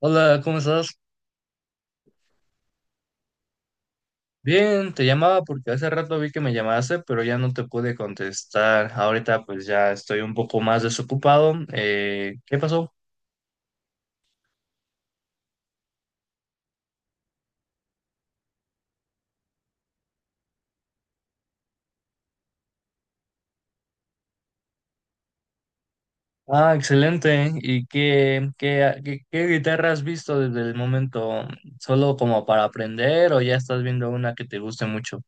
Hola, ¿cómo estás? Bien, te llamaba porque hace rato vi que me llamaste, pero ya no te pude contestar. Ahorita pues ya estoy un poco más desocupado. ¿Qué pasó? Ah, excelente. ¿Y qué guitarra has visto desde el momento? ¿Solo como para aprender o ya estás viendo una que te guste mucho?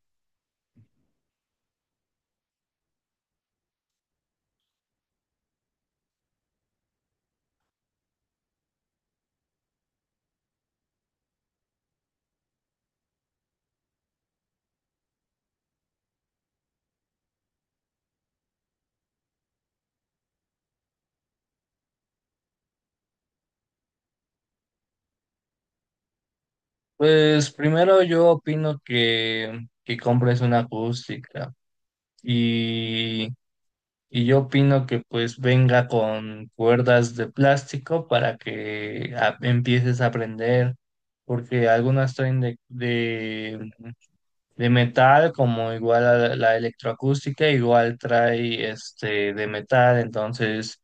Pues primero yo opino que compres una acústica. Y yo opino que pues venga con cuerdas de plástico para que empieces a aprender, porque algunas traen de metal, como igual a la electroacústica, igual trae este de metal, entonces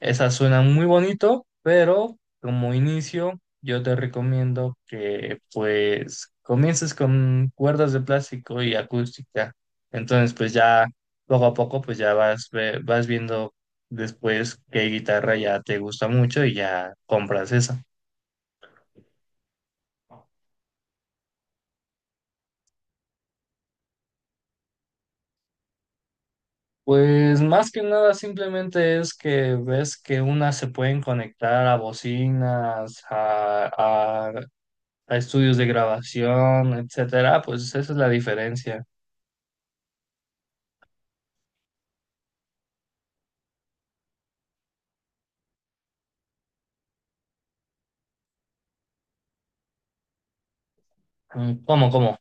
esa suena muy bonito, pero como inicio yo te recomiendo que pues comiences con cuerdas de plástico y acústica. Entonces pues ya poco a poco pues ya vas viendo después qué guitarra ya te gusta mucho y ya compras esa. Pues más que nada simplemente es que ves que unas se pueden conectar a bocinas, a estudios de grabación, etcétera, pues esa es la diferencia. Mm, ¿cómo, cómo?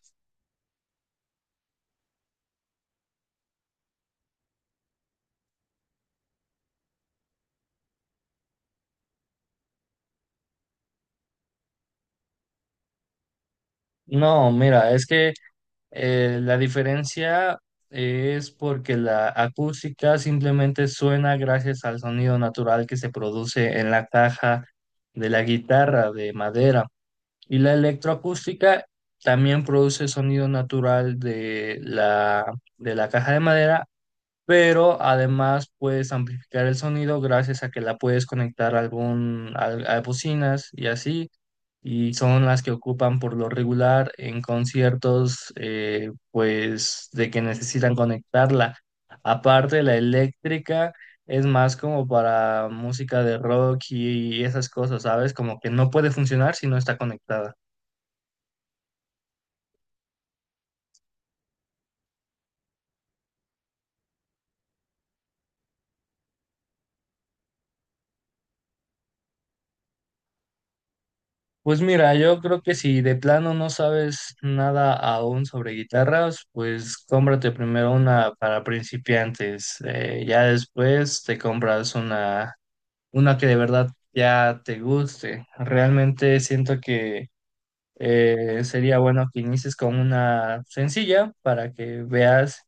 No, mira, es que la diferencia es porque la acústica simplemente suena gracias al sonido natural que se produce en la caja de la guitarra de madera. Y la electroacústica también produce sonido natural de de la caja de madera, pero además puedes amplificar el sonido gracias a que la puedes conectar a bocinas y así, y son las que ocupan por lo regular en conciertos, pues de que necesitan conectarla. Aparte, la eléctrica es más como para música de rock y esas cosas, ¿sabes? Como que no puede funcionar si no está conectada. Pues mira, yo creo que si de plano no sabes nada aún sobre guitarras, pues cómprate primero una para principiantes. Ya después te compras una que de verdad ya te guste. Realmente siento que sería bueno que inicies con una sencilla para que veas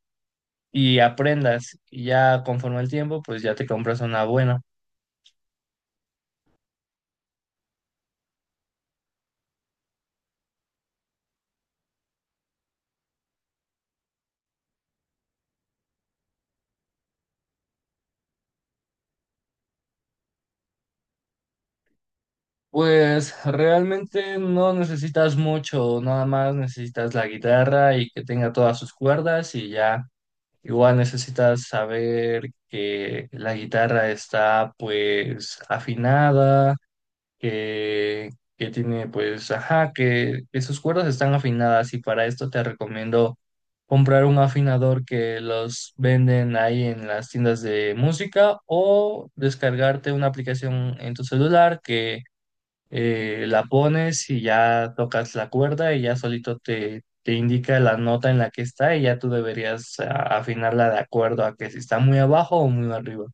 y aprendas. Y ya conforme el tiempo, pues ya te compras una buena. Pues realmente no necesitas mucho, nada más necesitas la guitarra y que tenga todas sus cuerdas y ya. Igual necesitas saber que la guitarra está pues afinada, que, que tiene pues, ajá, que sus cuerdas están afinadas y para esto te recomiendo comprar un afinador que los venden ahí en las tiendas de música o descargarte una aplicación en tu celular que la pones y ya tocas la cuerda y ya solito te indica la nota en la que está y ya tú deberías afinarla de acuerdo a que si está muy abajo o muy arriba.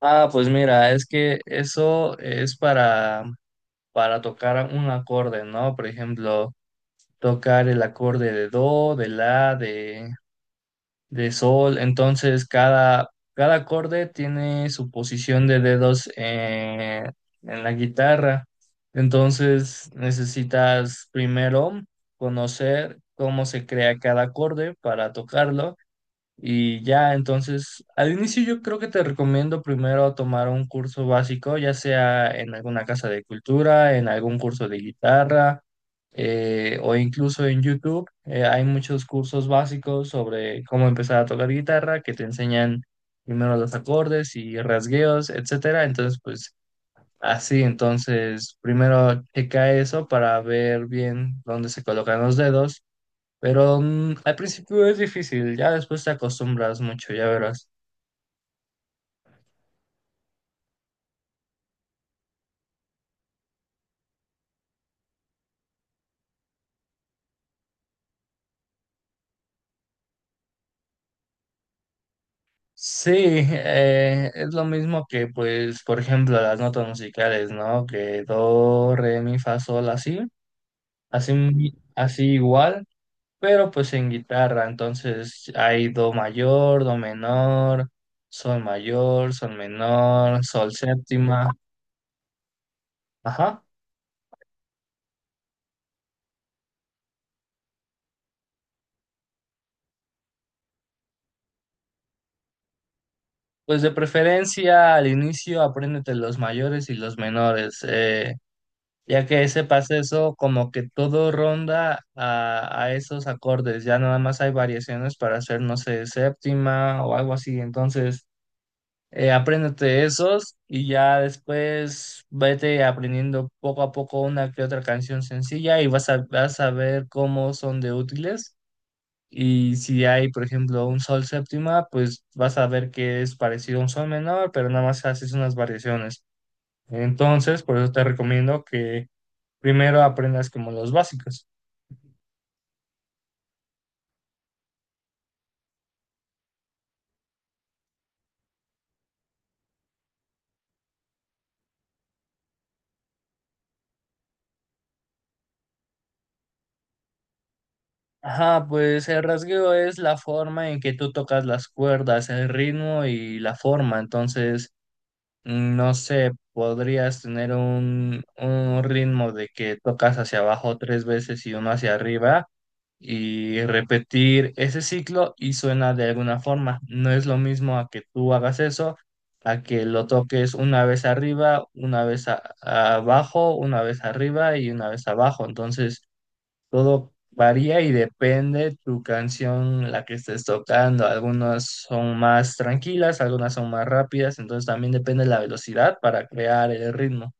Ah, pues mira, es que eso es para tocar un acorde, ¿no? Por ejemplo, tocar el acorde de do, de la, de sol. Entonces, cada acorde tiene su posición de dedos en la guitarra. Entonces, necesitas primero conocer cómo se crea cada acorde para tocarlo. Y ya, entonces, al inicio yo creo que te recomiendo primero tomar un curso básico, ya sea en alguna casa de cultura, en algún curso de guitarra, o incluso en YouTube. Hay muchos cursos básicos sobre cómo empezar a tocar guitarra que te enseñan primero los acordes y rasgueos, etcétera. Entonces, pues así, entonces, primero checa eso para ver bien dónde se colocan los dedos, pero al principio es difícil, ya después te acostumbras mucho, ya verás. Sí, es lo mismo que, pues, por ejemplo, las notas musicales, ¿no? Que do, re, mi, fa, sol, así, así igual, pero pues en guitarra, entonces hay do mayor, do menor, sol mayor, sol menor, sol séptima, ajá. Pues de preferencia al inicio apréndete los mayores y los menores. Ya que ese pase eso, como que todo ronda a esos acordes, ya nada más hay variaciones para hacer, no sé, séptima o algo así. Entonces, apréndete esos y ya después vete aprendiendo poco a poco una que otra canción sencilla y vas a ver cómo son de útiles. Y si hay, por ejemplo, un sol séptima, pues vas a ver que es parecido a un sol menor, pero nada más haces unas variaciones. Entonces, por eso te recomiendo que primero aprendas como los básicos. Ajá, pues el rasgueo es la forma en que tú tocas las cuerdas, el ritmo y la forma. Entonces, no sé, podrías tener un ritmo de que tocas hacia abajo tres veces y uno hacia arriba y repetir ese ciclo y suena de alguna forma. No es lo mismo a que tú hagas eso, a que lo toques una vez arriba, una vez abajo, una vez arriba y una vez abajo. Entonces, todo varía y depende tu canción, la que estés tocando. Algunas son más tranquilas, algunas son más rápidas, entonces también depende la velocidad para crear el ritmo.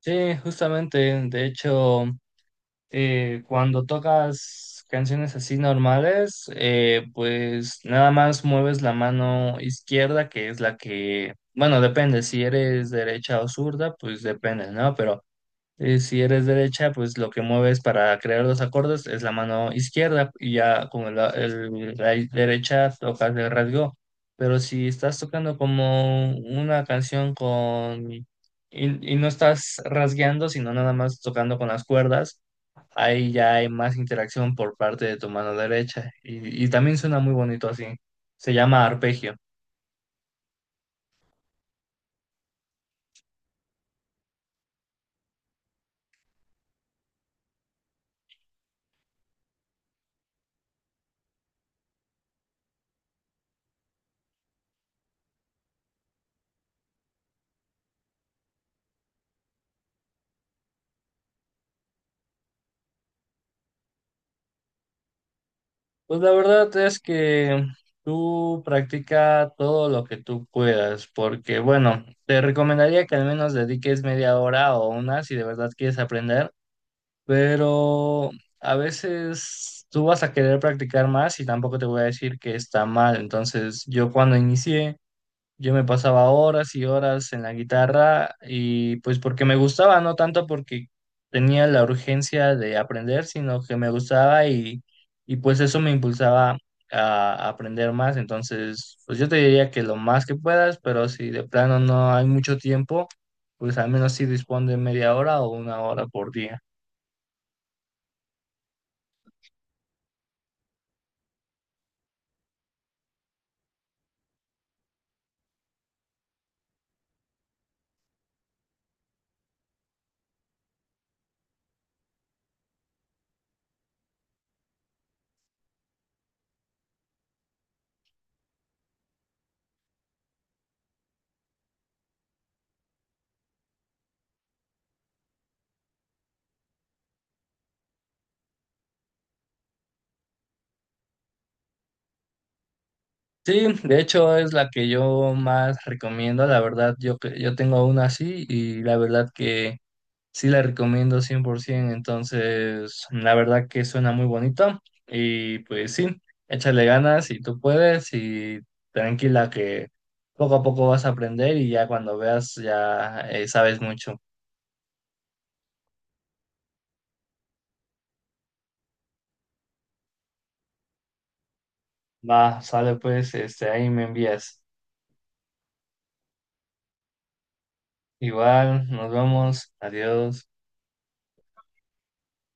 Sí, justamente, de hecho, cuando tocas canciones así normales, pues nada más mueves la mano izquierda, que es la que, bueno, depende, si eres derecha o zurda, pues depende, ¿no? Pero si eres derecha, pues lo que mueves para crear los acordes es la mano izquierda y ya con la, la derecha tocas el rasgo. Pero si estás tocando como una canción y no estás rasgueando, sino nada más tocando con las cuerdas, ahí ya hay más interacción por parte de tu mano derecha y también suena muy bonito así. Se llama arpegio. Pues la verdad es que tú practica todo lo que tú puedas, porque bueno, te recomendaría que al menos dediques media hora o una si de verdad quieres aprender, pero a veces tú vas a querer practicar más y tampoco te voy a decir que está mal. Entonces, yo cuando inicié yo me pasaba horas y horas en la guitarra y pues porque me gustaba, no tanto porque tenía la urgencia de aprender, sino que me gustaba y pues eso me impulsaba a aprender más. Entonces, pues yo te diría que lo más que puedas, pero si de plano no hay mucho tiempo, pues al menos sí dispón de media hora o una hora por día. Sí, de hecho es la que yo más recomiendo, la verdad, que yo tengo una así y la verdad que... Sí, la recomiendo 100%, entonces la verdad que suena muy bonito y pues sí, échale ganas si tú puedes y tranquila que poco a poco vas a aprender y ya cuando veas ya sabes mucho. Va, sale pues, este, ahí me envías. Igual, nos vemos, adiós.